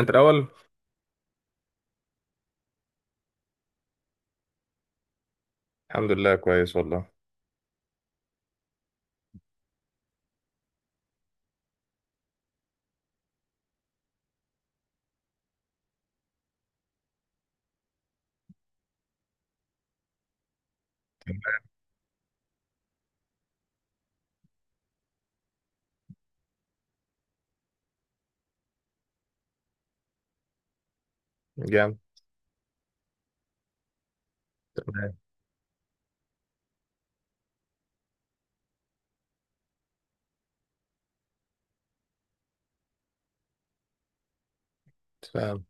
انت الاول. الحمد لله، كويس والله. جامد. تمام. فاهم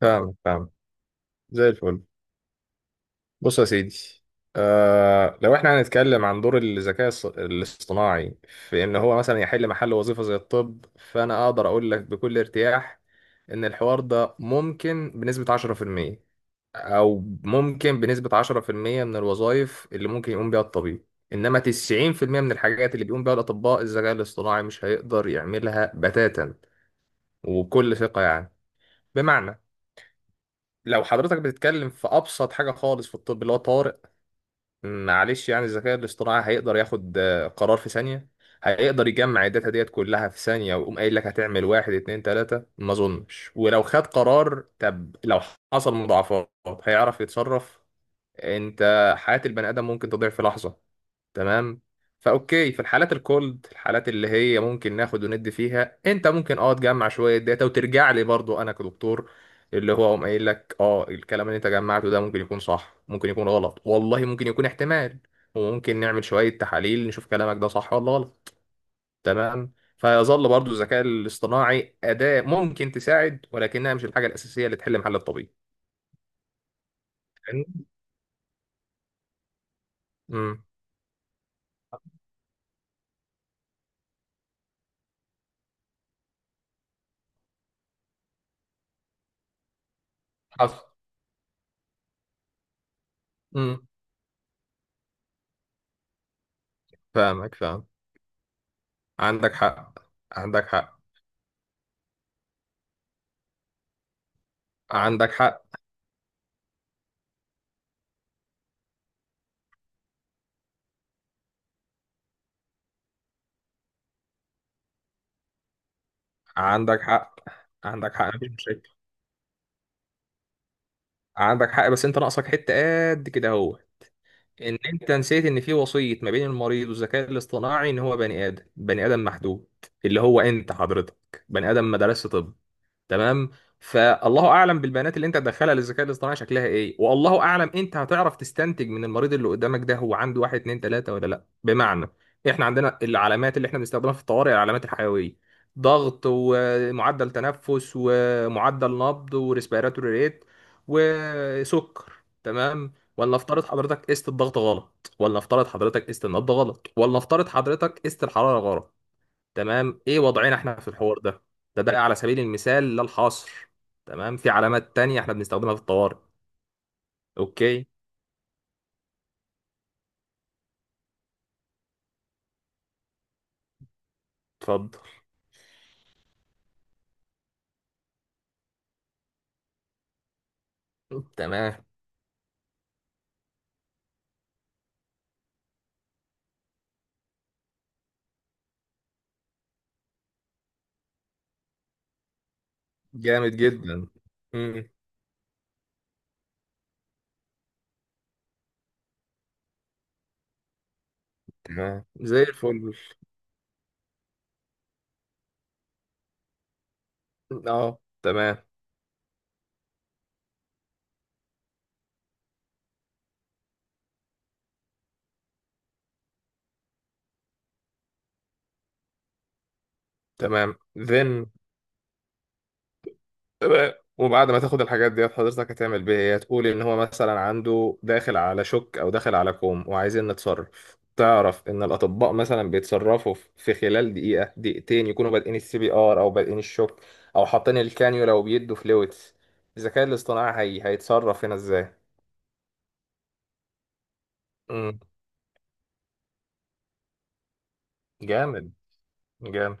فاهم فاهم. زي الفل. بص يا سيدي، آه لو احنا هنتكلم عن دور الذكاء الاصطناعي في ان هو مثلا يحل محل وظيفة زي الطب، فانا اقدر اقول لك بكل ارتياح ان الحوار ده ممكن بنسبة 10%، او ممكن بنسبة 10% من الوظائف اللي ممكن يقوم بيها الطبيب. انما 90% من الحاجات اللي بيقوم بيها الاطباء، الذكاء الاصطناعي مش هيقدر يعملها بتاتا، وبكل ثقة يعني. بمعنى، لو حضرتك بتتكلم في ابسط حاجه خالص في الطب اللي هو طارئ، معلش يعني الذكاء الاصطناعي هيقدر ياخد قرار في ثانيه، هيقدر يجمع الداتا ديت كلها في ثانيه، ويقوم قايل لك هتعمل واحد اتنين تلاته. ما اظنش. ولو خد قرار، طب لو حصل مضاعفات هيعرف يتصرف؟ انت حياه البني ادم ممكن تضيع في لحظه، تمام؟ فاوكي، في الحالات الكولد، الحالات اللي هي ممكن ناخد وندي فيها، انت ممكن تجمع شويه داتا وترجع لي، برضو انا كدكتور اللي هو قام قايل لك الكلام اللي انت جمعته ده ممكن يكون صح، ممكن يكون غلط، والله ممكن يكون احتمال، وممكن نعمل شويه تحاليل نشوف كلامك ده صح ولا غلط. تمام؟ فيظل برضو الذكاء الاصطناعي اداه ممكن تساعد، ولكنها مش الحاجه الاساسيه اللي تحل محل الطبيب. فاهمني؟ امم. حصل. امم. فاهمك، فاهم. عندك حق، عندك حق. عندك حق. عندك حق. عندك حق، مفيش مشاكل. عندك حق، بس انت ناقصك حته قد كده اهو، ان انت نسيت ان في وصيه ما بين المريض والذكاء الاصطناعي، ان هو بني ادم، بني ادم محدود. اللي هو، انت حضرتك بني ادم ما درسش طب، تمام؟ فالله اعلم بالبيانات اللي انت هتدخلها للذكاء الاصطناعي شكلها ايه، والله اعلم انت هتعرف تستنتج من المريض اللي قدامك ده هو عنده واحد اتنين تلاته ولا لا. بمعنى، احنا عندنا العلامات اللي احنا بنستخدمها في الطوارئ، العلامات الحيويه، ضغط ومعدل تنفس ومعدل نبض وريسبيراتوري ريت وسكر، تمام؟ ولا افترض حضرتك قست الضغط غلط، ولا افترض حضرتك قست النبض غلط، ولا افترض حضرتك قست الحراره غلط، تمام؟ ايه وضعنا احنا في الحوار ده؟ ده على سبيل المثال لا الحصر، تمام؟ في علامات تانية احنا بنستخدمها في الطوارئ. اوكي، اتفضل. تمام. جامد جدا. امم. تمام زي الفل. اه تمام. تمام. then تمام. وبعد ما تاخد الحاجات ديت، حضرتك هتعمل بيها ايه؟ هتقول ان هو مثلا عنده داخل على شك، او داخل على كوم، وعايزين نتصرف. تعرف ان الاطباء مثلا بيتصرفوا في خلال دقيقه دقيقتين، يكونوا بادئين السي بي ار، او بادئين الشك، او حاطين الكانيولا وبيدوا فلويدز. الذكاء الاصطناعي هيتصرف هنا ازاي؟ مم. جامد. جامد.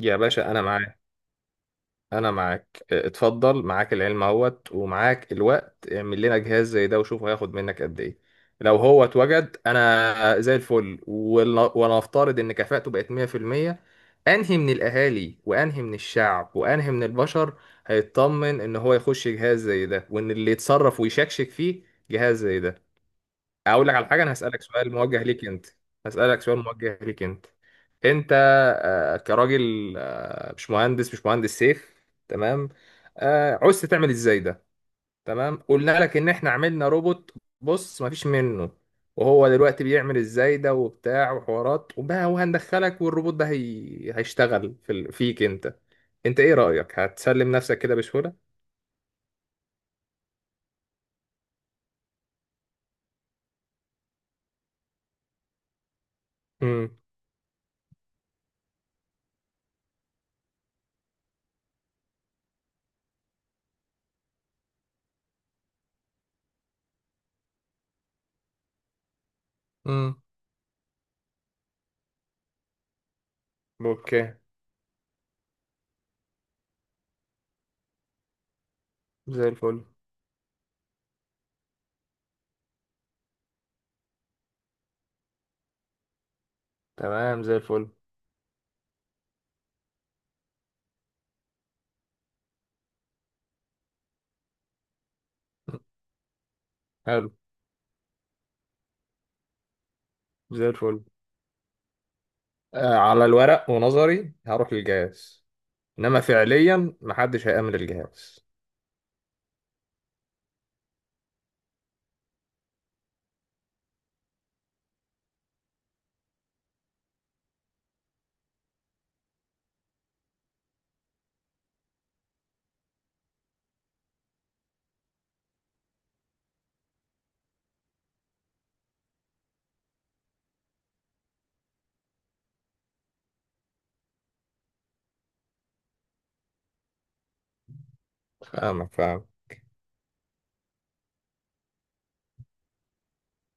يا باشا انا معاك، انا معاك. اتفضل، معاك العلم اهوت ومعاك الوقت، اعمل لنا جهاز زي ده وشوف هياخد منك قد ايه. لو هو اتوجد، انا زي الفل، ونفترض ان كفاءته بقت 100%، انهي من الاهالي وانهي من الشعب وانهي من البشر هيطمن ان هو يخش جهاز زي ده، وان اللي يتصرف ويشكشك فيه جهاز زي ده؟ اقول لك على حاجه، انا هسالك سؤال موجه ليك انت، هسالك سؤال موجه ليك انت. انت، كراجل، مش مهندس، مش مهندس سيف، تمام؟ عوزت تعمل ازاي ده؟ تمام، قلنا لك ان احنا عملنا روبوت، بص مفيش منه، وهو دلوقتي بيعمل ازاي ده وبتاع وحوارات وبقى، وهندخلك والروبوت ده هيشتغل فيك انت. انت ايه رأيك، هتسلم نفسك كده بسهولة؟ امم. امم. اوكي. زي الفل. تمام زي الفل. حلو. زي الفل. على الورق ونظري هروح للجهاز، انما فعليا محدش هيأمن الجهاز. فاهمك، فاهم.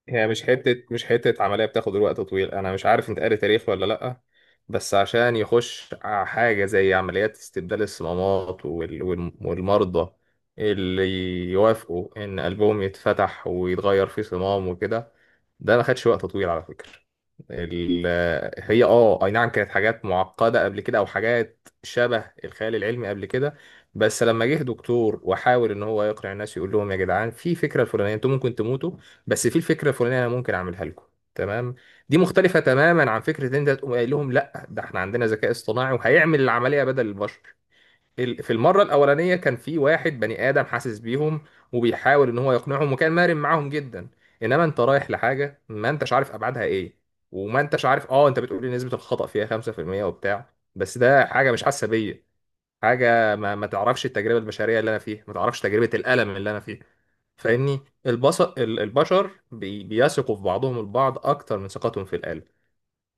هي مش حتة، مش حتة عملية بتاخد الوقت طويل، أنا مش عارف أنت قاري تاريخ ولا لأ، بس عشان يخش حاجة زي عمليات استبدال الصمامات والمرضى اللي يوافقوا إن قلبهم يتفتح ويتغير فيه صمام وكده، ده ما خدش وقت طويل على فكرة. ال- هي اي نعم، كانت حاجات معقدة قبل كده، او حاجات شبه الخيال العلمي قبل كده، بس لما جه دكتور وحاول ان هو يقنع الناس، يقول لهم يا جدعان في فكرة الفلانية انتوا ممكن تموتوا، بس في الفكره الفلانيه انا ممكن اعملها لكم، تمام؟ دي مختلفه تماما عن فكره ان انت تقوم قايل لهم لا ده احنا عندنا ذكاء اصطناعي وهيعمل العمليه بدل البشر. في المره الاولانيه كان في واحد بني ادم حاسس بيهم وبيحاول ان هو يقنعهم، وكان مرن معاهم جدا. انما انت رايح لحاجه ما انتش عارف ابعادها ايه، وما انتش عارف، انت بتقول لي نسبه الخطا فيها 5% وبتاع، بس ده حاجه مش حاسه بيا، حاجه ما تعرفش التجربه البشريه اللي انا فيها، ما تعرفش تجربه الالم اللي انا. فاهمني؟ البشر بيثقوا في بعضهم البعض اكتر من ثقتهم في الآلة.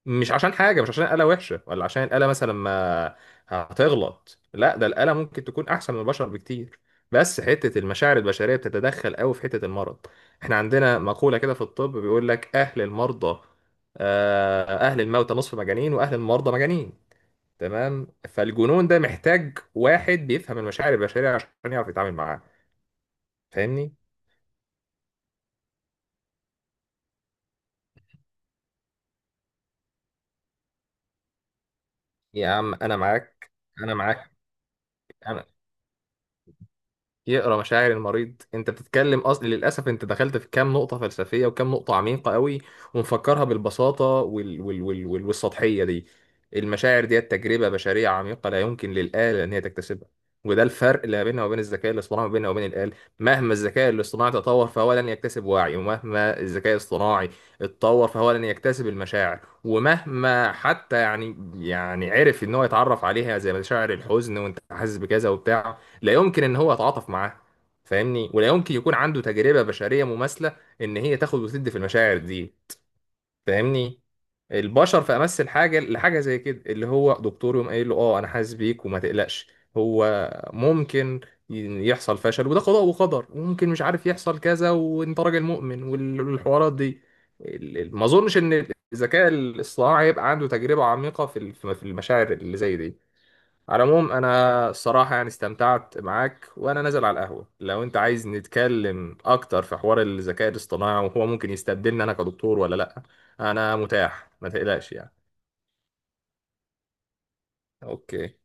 مش عشان حاجة، مش عشان الآلة وحشة، ولا عشان الآلة مثلا ما هتغلط، لا ده الآلة ممكن تكون احسن من البشر بكتير، بس حتة المشاعر البشرية بتتدخل قوي في حتة المرض. احنا عندنا مقولة كده في الطب، بيقول لك اهل المرضى، اهل الموتى نصف مجانين، واهل المرضى مجانين، تمام؟ فالجنون ده محتاج واحد بيفهم المشاعر البشرية عشان يعرف يتعامل معاه، فاهمني؟ يا عم انا معاك، انا معاك. انا، يقرا مشاعر المريض؟ انت بتتكلم، اصل للاسف انت دخلت في كام نقطه فلسفيه وكام نقطه عميقه قوي، ومفكرها بالبساطه والسطحيه دي. المشاعر دي تجربه بشريه عميقه لا يمكن للاله ان هي تكتسبها، وده الفرق اللي بيننا وبين الذكاء الاصطناعي، ما بيننا وبين الآلة. مهما الذكاء الاصطناعي تطور فهو لن يكتسب وعي، ومهما الذكاء الاصطناعي اتطور فهو لن يكتسب المشاعر. ومهما حتى يعني عرف ان هو يتعرف عليها زي مشاعر الحزن، وانت حاسس بكذا وبتاع، لا يمكن ان هو يتعاطف معاه. فاهمني؟ ولا يمكن يكون عنده تجربة بشرية مماثلة ان هي تاخد وتدي في المشاعر دي. فاهمني؟ البشر في امس الحاجة لحاجة زي كده، اللي هو دكتور يقوم قايل له اه انا حاسس بيك، وما تقلقش هو ممكن يحصل فشل، وده قضاء وقدر، وممكن مش عارف يحصل كذا، وانت راجل مؤمن والحوارات دي. ما اظنش ان الذكاء الاصطناعي يبقى عنده تجربة عميقة في المشاعر اللي زي دي. على العموم، انا الصراحه يعني استمتعت معاك، وانا نازل على القهوه، لو انت عايز نتكلم اكتر في حوار الذكاء الاصطناعي وهو ممكن يستبدلني انا كدكتور ولا لا، انا متاح ما تقلقش يعني. اوكي.